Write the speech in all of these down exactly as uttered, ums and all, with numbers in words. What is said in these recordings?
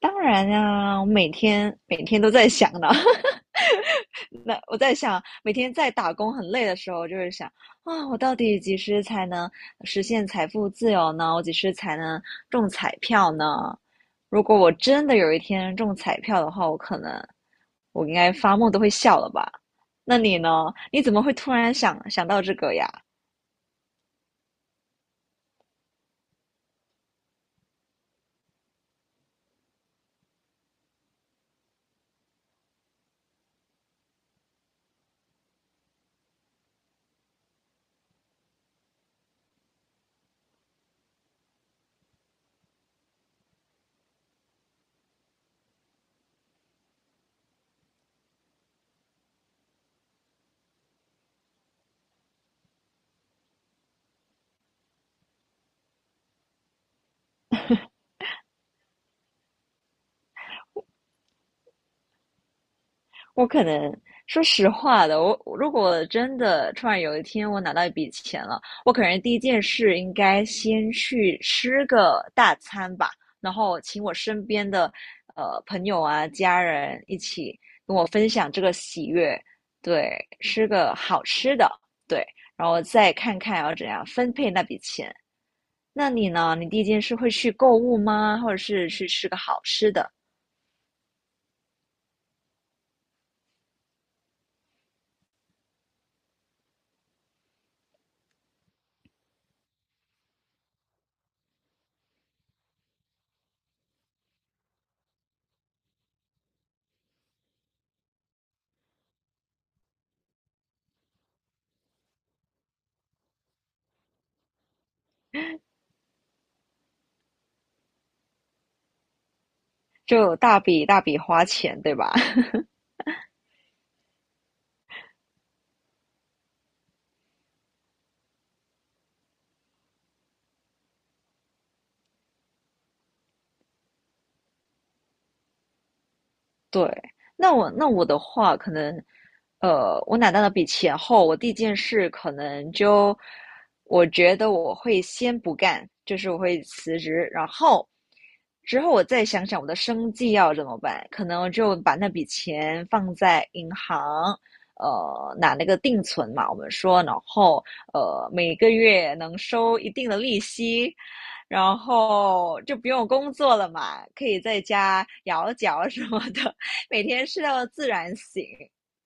当然啊，我每天每天都在想呢。那我在想，每天在打工很累的时候，我就会想啊，我到底几时才能实现财富自由呢？我几时才能中彩票呢？如果我真的有一天中彩票的话，我可能我应该发梦都会笑了吧？那你呢？你怎么会突然想想到这个呀？我可能说实话的，我我如果真的突然有一天我拿到一笔钱了，我可能第一件事应该先去吃个大餐吧，然后请我身边的呃朋友啊、家人一起跟我分享这个喜悦，对，吃个好吃的，对，然后再看看要怎样分配那笔钱。那你呢？你第一件事会去购物吗？或者是去吃个好吃的？就有大笔大笔花钱，对吧？对，那我那我的话，可能，呃，我拿到那笔钱后，我第一件事可能就，我觉得我会先不干，就是我会辞职，然后之后我再想想我的生计要怎么办，可能我就把那笔钱放在银行，呃，拿那个定存嘛，我们说，然后呃，每个月能收一定的利息，然后就不用工作了嘛，可以在家摇脚什么的，每天睡到自然醒，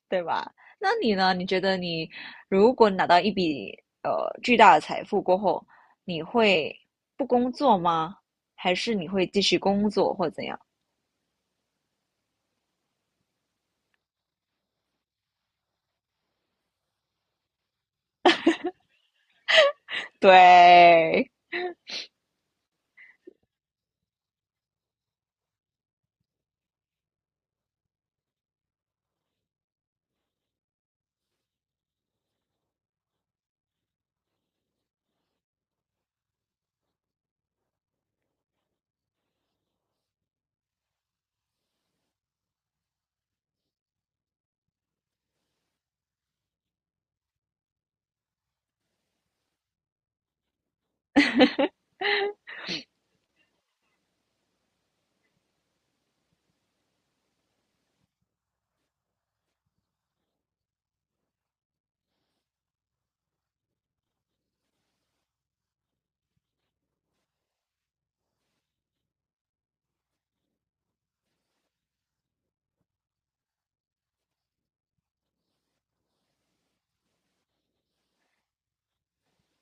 对吧？那你呢？你觉得你如果拿到一笔呃巨大的财富过后，你会不工作吗？还是你会继续工作或怎样？对，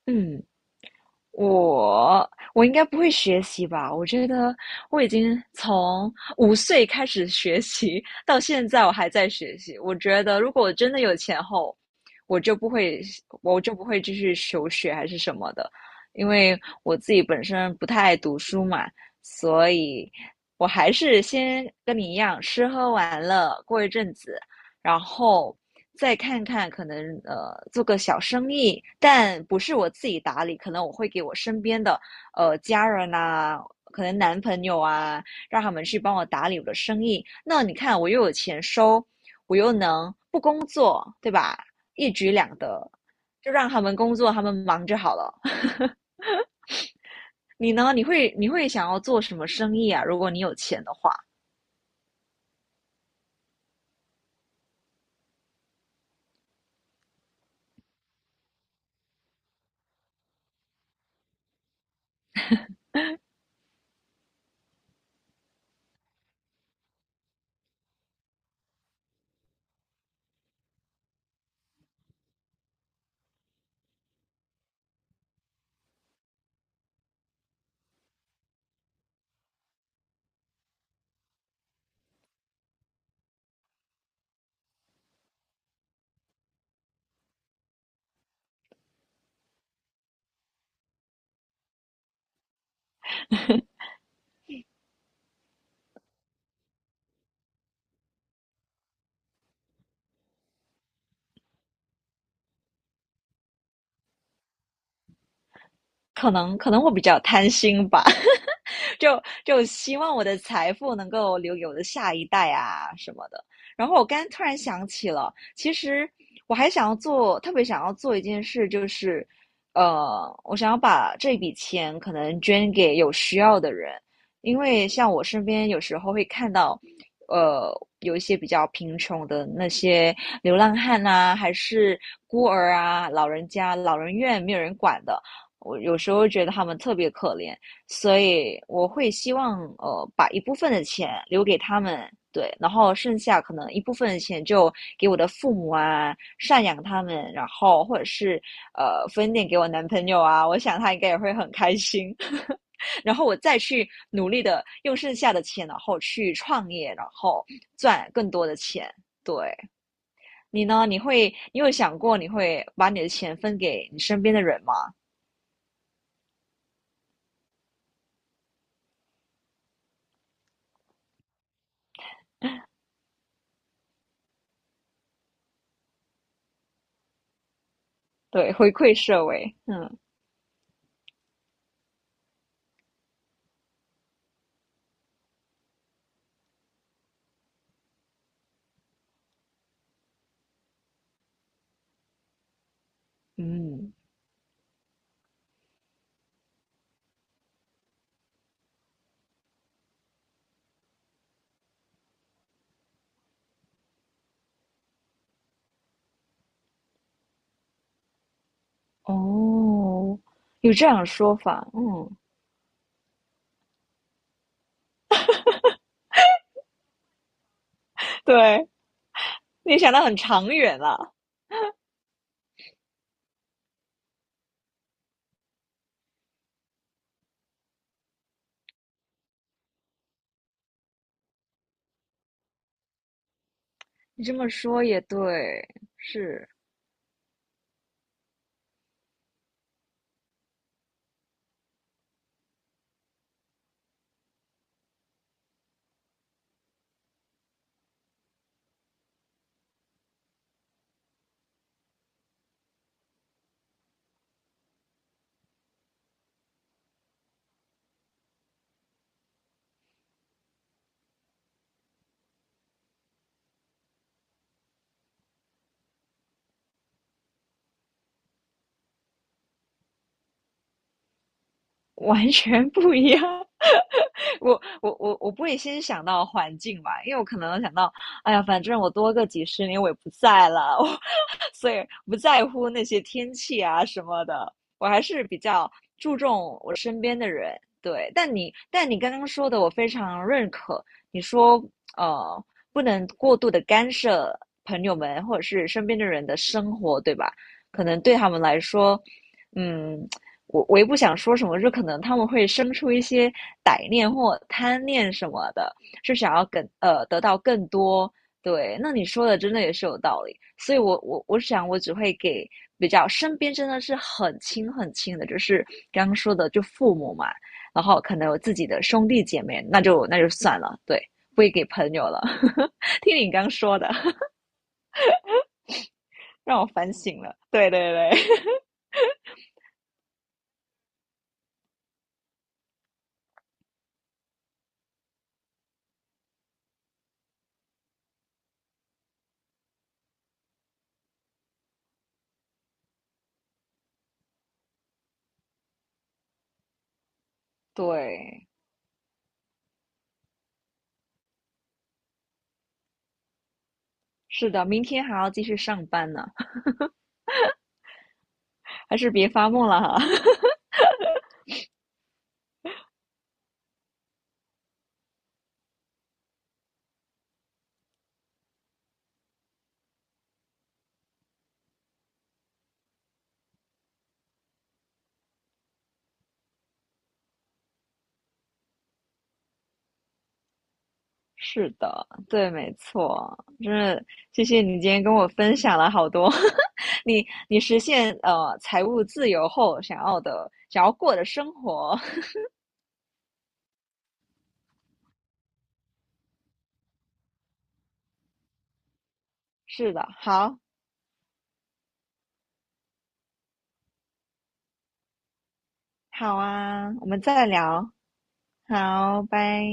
嗯，我我应该不会学习吧？我觉得我已经从五岁开始学习，到现在我还在学习。我觉得如果我真的有钱后，我就不会，我就不会继续求学还是什么的，因为我自己本身不太爱读书嘛，所以我还是先跟你一样，吃喝玩乐过一阵子，然后再看看可能呃做个小生意，但不是我自己打理，可能我会给我身边的呃家人呐、可能男朋友啊，让他们去帮我打理我的生意。那你看，我又有钱收，我又能不工作，对吧？一举两得，就让他们工作，他们忙就好了。你呢？你会你会想要做什么生意啊？如果你有钱的话，可能可能会比较贪心吧。就就希望我的财富能够留给我的下一代啊什么的。然后我刚突然想起了，其实我还想要做，特别想要做一件事，就是呃，我想要把这笔钱可能捐给有需要的人，因为像我身边有时候会看到，呃，有一些比较贫穷的那些流浪汉啊，还是孤儿啊、老人家、老人院没有人管的，我有时候觉得他们特别可怜。所以我会希望呃把一部分的钱留给他们，对，然后剩下可能一部分的钱就给我的父母啊，赡养他们，然后或者是呃分点给我男朋友啊，我想他应该也会很开心。然后我再去努力的用剩下的钱，然后去创业，然后赚更多的钱。对，你呢？你会，你有想过你会把你的钱分给你身边的人吗？对，回馈社会。嗯嗯。哦，有这样的说法，嗯，对，你想的很长远了。你这么说也对，是完全不一样。我我我我不会先想到环境吧，因为我可能想到，哎呀，反正我多个几十年我也不在了，我所以不在乎那些天气啊什么的，我还是比较注重我身边的人。对，但你但你刚刚说的我非常认可，你说呃不能过度的干涉朋友们或者是身边的人的生活，对吧？可能对他们来说，嗯，我我也不想说什么，就可能他们会生出一些歹念或贪念什么的，是想要更呃得到更多。对，那你说的真的也是有道理，所以我我我想我只会给比较身边真的是很亲很亲的，就是刚刚说的就父母嘛，然后可能有自己的兄弟姐妹，那就那就算了，对，不会给朋友了。听你刚说的，让我反省了。对对对 对，是的，明天还要继续上班呢。还是别发梦了哈。是的，对，没错，真是谢谢你今天跟我分享了好多 你你实现呃财务自由后想要的想要过的生活。是的，好，好啊，我们再聊，好，拜。